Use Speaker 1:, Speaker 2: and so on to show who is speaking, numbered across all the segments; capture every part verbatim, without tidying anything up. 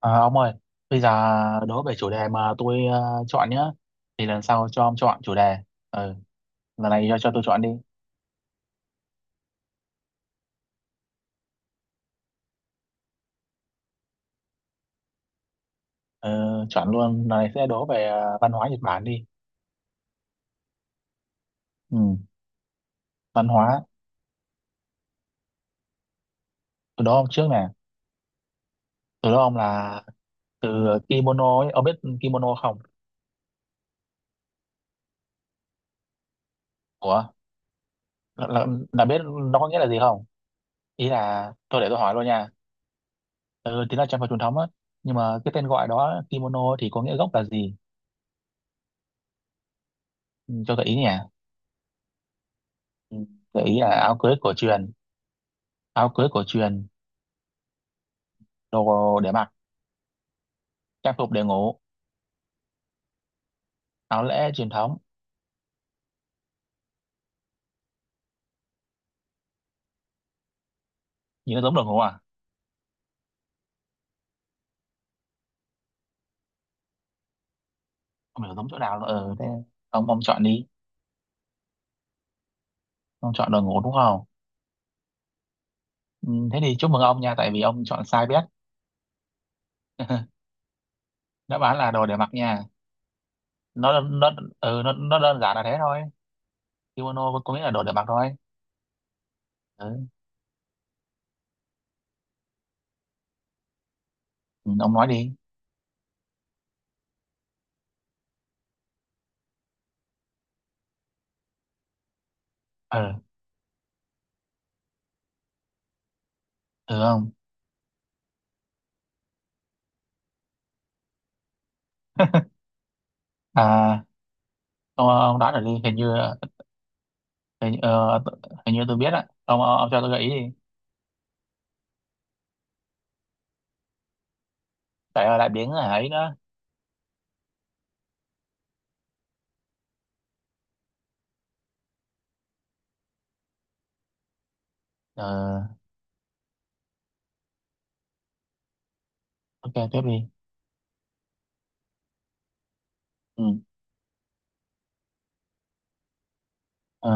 Speaker 1: À, ông ơi, bây giờ đố về chủ đề mà tôi ờ, chọn nhá. Thì lần sau cho ông chọn chủ đề. Ừ, lần này cho, cho tôi chọn đi. Ờ, Chọn luôn, lần này sẽ đố về ờ, văn hóa Nhật Bản đi. Ừ, văn hóa. Tôi đố ông trước nè. Tôi đố ông là từ kimono ấy. Ông biết kimono không? Ủa, là, là, là biết nó có nghĩa là gì không? Ý là, tôi để tôi hỏi luôn nha. Ừ, thì nó trang phục truyền thống á. Nhưng mà cái tên gọi đó, kimono thì có nghĩa gốc là gì? Ừ, cho gợi ý nhỉ? Ừ, gợi ý là áo cưới cổ truyền. Áo cưới cổ truyền, đồ để mặc, trang phục để ngủ, áo lễ truyền thống. Nhìn nó giống đồ ngủ à? Không hiểu giống chỗ nào nữa. Ừ, thế ông ông chọn đi. Ông chọn đồ ngủ đúng không? Ừ, thế thì chúc mừng ông nha, tại vì ông chọn sai bét. Đáp án là đồ để mặc nha. Nó nó, ừ, nó nó đơn giản là thế thôi. Kimono có có nghĩa là đồ để mặc thôi. Ừ. Ừ, ông nói đi. Ừ. Ừ. Không. À, ông, ông đoán được đi, hình như. hình, như- ờ, Hình như tôi biết á. Ông, ông ông cho tôi gợi ý đi. Tại lại biến ấy nữa. Ờ, ok tiếp đi. Ừ. Ờ,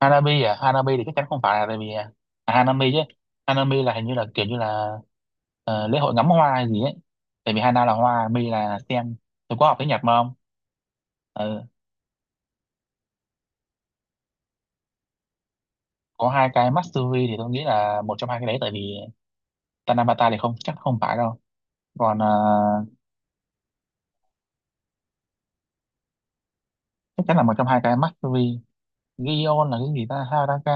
Speaker 1: Hanabi. À, Hanabi thì chắc chắn không phải, là tại vì à, Hanami chứ. Hanami là hình như là kiểu như là ờ, lễ hội ngắm hoa hay gì ấy. Tại vì Hana là hoa, Mi là xem. Tôi có học tiếng Nhật mà không? Ừ. Có hai cái Matsuri thì tôi nghĩ là một trong hai cái đấy, tại vì Tanabata thì không, chắc không phải đâu. Còn ờ, chắc chắn là một trong hai cái Matsuri. Gion là cái gì ta? Haraka.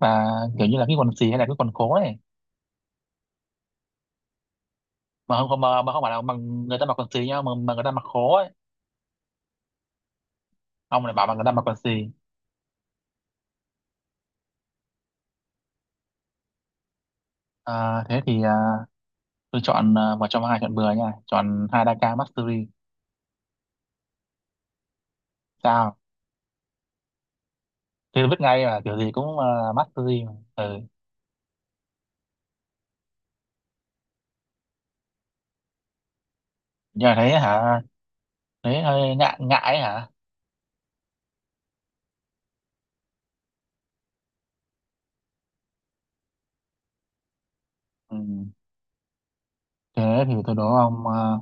Speaker 1: Tức là kiểu như là cái quần xì hay là cái quần khố ấy. Mà không không mà, mà không phải là mà người ta mặc quần xì nhau, mà, mà người ta mặc khố ấy. Ông lại bảo mà người ta mặc quần xì. Ờ, thế thì ờ, tôi chọn ờ, một trong hai, chọn bừa nha, chọn Hadaka Mastery. Sao? Tôi biết ngay mà, kiểu gì cũng ờ, Mastery mà. Ừ. Nhưng mà thấy hả? Thấy hơi ngại ngại ấy hả? Ừ. Thế thì tôi đố ông ờ,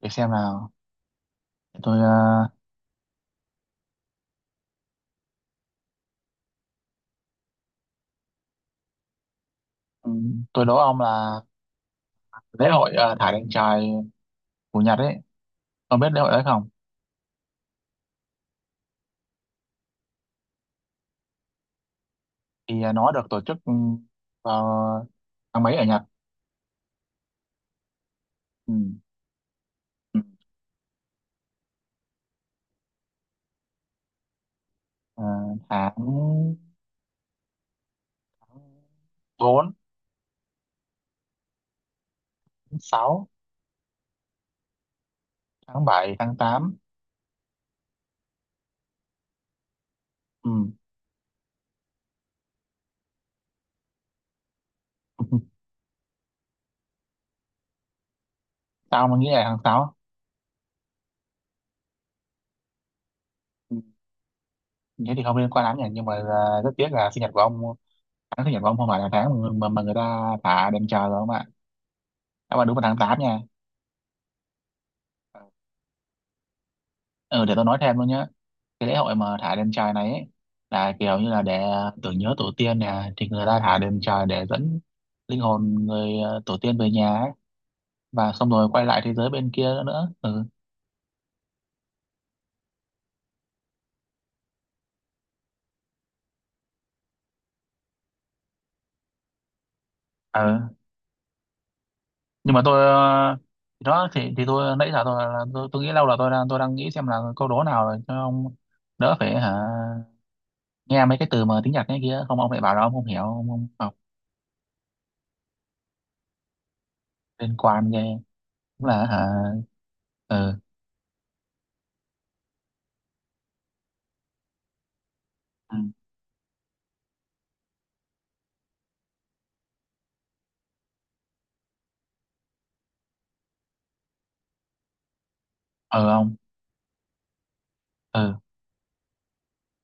Speaker 1: để xem nào. tôi ờ, ừ, tôi đố ông là lễ hội ờ, thả đèn trời của Nhật ấy. Ông biết lễ hội đấy không? Thì ờ, nó được tổ chức ừ, vào tháng mấy ở Nhật? Ừ. Ừ. Ờ, tháng tháng bốn, tháng sáu, tháng bảy, tháng tám. Ừ. Tao mà nghĩ là tháng sáu. Thế thì không liên quan lắm nhỉ, nhưng mà à, rất tiếc là sinh nhật của ông, tháng sinh nhật của ông không phải là tháng mà, mà, mà người ta thả đèn trời rồi không ạ. Các bạn đúng vào tháng tám nha. Ừ, để tôi nói thêm luôn nhé. Cái lễ hội mà thả đèn trời này ấy, là kiểu như là để ờ, tưởng nhớ tổ tiên nè, thì người ta thả đèn trời để dẫn linh hồn người ờ, tổ tiên về nhà ấy, và xong rồi quay lại thế giới bên kia nữa nữa. Ừ. Nhưng mà tôi ờ, thì đó, thì thì tôi nãy giờ tôi là tôi, tôi nghĩ lâu là tôi đang tôi đang nghĩ xem là câu đố nào rồi cho ông đỡ phải hả, nghe mấy cái từ mà tiếng Nhật cái kia, không ông lại bảo là ông không hiểu, ông không học. Liên quan ghê. Cũng là hả? Ừ. Ừ. Ừ, ông. Ừ.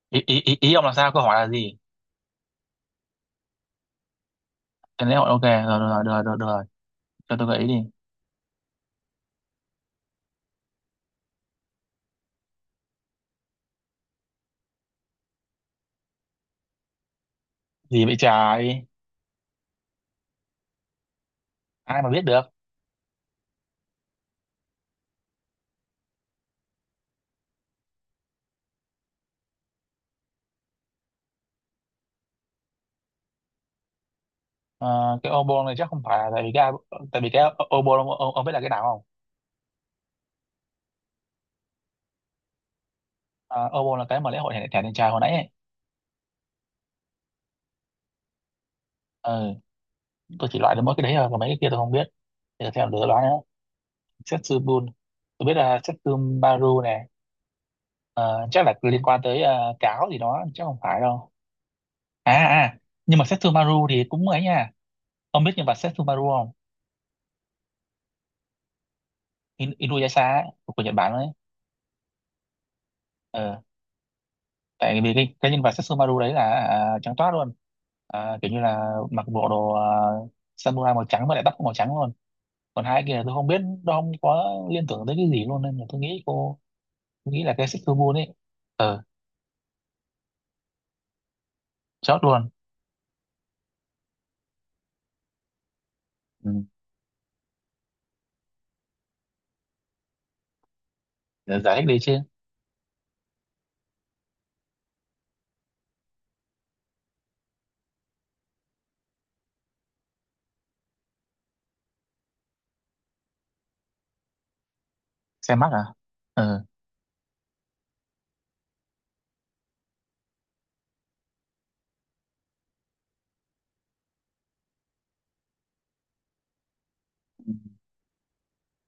Speaker 1: ý, ý ý ý ông là sao, câu hỏi là gì? Cái lễ hội, ok rồi rồi rồi rồi, rồi, rồi. Cho tôi gợi ý đi. Gì vậy trời? Ai mà biết được. Ờ, cái obon này chắc không phải, là tại vì cái, tại vì cái obon, ông, ông, ông biết là cái nào không? Ờ, obo là cái mà lễ hội thẻ thẻ đàn trai hồi nãy ấy. Ừ, tôi chỉ loại được mỗi cái đấy thôi, còn mấy cái kia tôi không biết. Để xem được loại nữa. Setsubun, tôi biết là Setsumaru này. Ờ, chắc là liên quan tới ờ, cáo gì đó, chắc không phải đâu. à à à, nhưng mà Setsumaru thì cũng ấy nha. Ông biết nhân vật Setsumaru không? In Inuyasha ấy, của Nhật Bản đấy. Ờ, tại vì cái, cái nhân vật Setsumaru đấy là à, trắng toát luôn. À, kiểu như là mặc bộ đồ à, samurai màu trắng, và lại tóc cũng màu trắng luôn. Còn hai cái kia là tôi không biết, nó không có liên tưởng tới cái gì luôn, nên là tôi nghĩ cô, tôi nghĩ là cái Setsumaru ấy. Ờ, chốt luôn. Ừ. Để giải thích đi chứ. Xe mắc à? Ừ.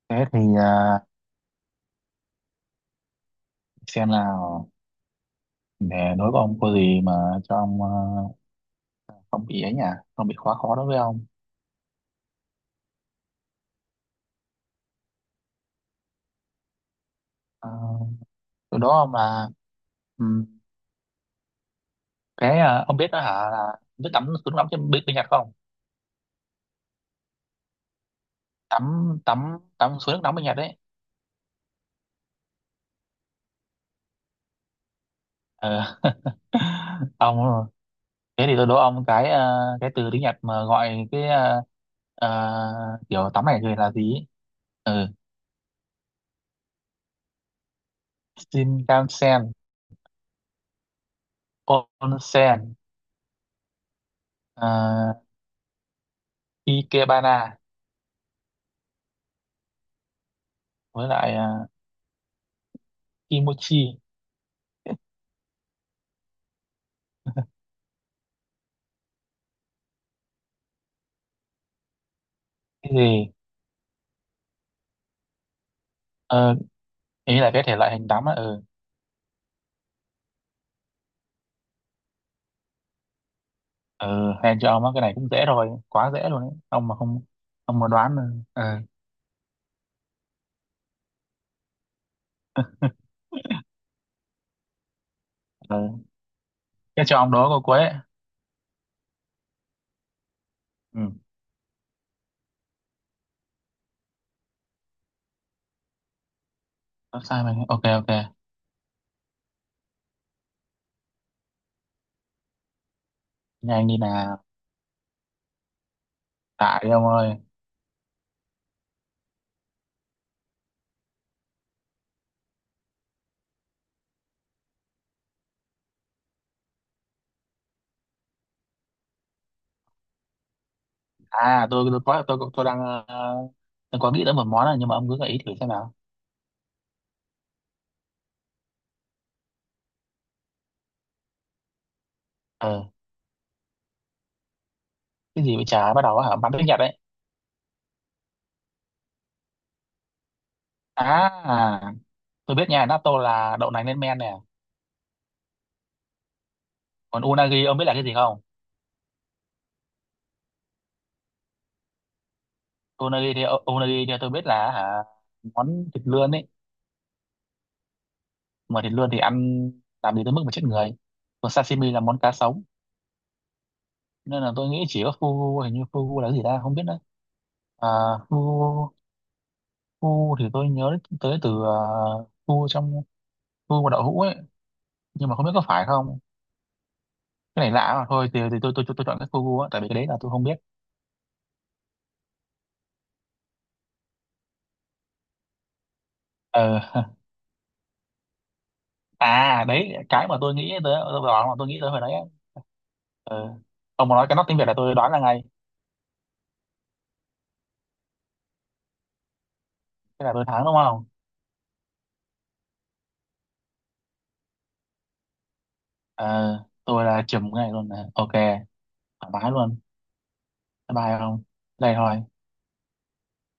Speaker 1: Thế thì à, xem nào, để đối với ông có gì mà cho ông à, không bị ấy nhỉ, không bị quá khó đối với ông. À, từ đó mà. Ừ. Cái à, ông biết đó hả, là biết tắm suối nước nóng trên bên, bên Nhật không? Tắm tắm tắm suối nước nóng bên Nhật đấy. Ờ. Ông, thế thì tôi đố ông cái à, cái từ tiếng Nhật mà gọi cái à, à, kiểu tắm này thì là gì? Ừ. Shinkansen, Onsen, à, Ikebana, với lại à, Kimochi. Cái gì? Ờ, ý là cái thể loại hình tắm á. Ừ. Ừ hèn cho ông á, cái này cũng dễ rồi, quá dễ luôn đấy. Ông mà không, ông mà đoán ừ, ừ. Ừ. Cái cho ông đó câu cuối ấy. Ừ. Không sai mình, ok ok. Nhanh đi nào. Tại đi ông ơi. À tôi tôi có tôi tôi đang ờ, tôi có nghĩ tới một món này, nhưng mà ông cứ gợi ý thử xem nào. Ờ, cái gì vậy chả, bắt đầu á hả, bắn tiếng Nhật đấy. À, tôi biết nha, natto là đậu nành lên men nè. Còn unagi ông biết là cái gì không? Unagi thì ờ, unagi thì tôi biết là hả, món thịt lươn ấy. Mà thịt lươn thì ăn làm gì tới mức mà chết người. Còn sashimi là món cá sống. Nên là tôi nghĩ chỉ có fugu, hình như fugu là cái gì ta, không biết nữa. À, fugu, fugu thì tôi nhớ tới từ uh, fugu trong fugu và đậu hũ ấy. Nhưng mà không biết có phải không. Cái này lạ, mà thôi thì, thì tôi, tôi tôi tôi chọn cái fugu á, tại vì cái đấy là tôi không biết. Ờ. À đấy, cái mà tôi nghĩ tới, tôi đoán mà tôi nghĩ tới hồi đấy á. Ờ, ông mà nói cái nóc tiếng Việt là tôi đoán là ngay. Thế là tôi thắng đúng không? Ờ, tôi là chùm ngay luôn nè, ok. Thoải mái luôn. Bye bye. Không đây thôi.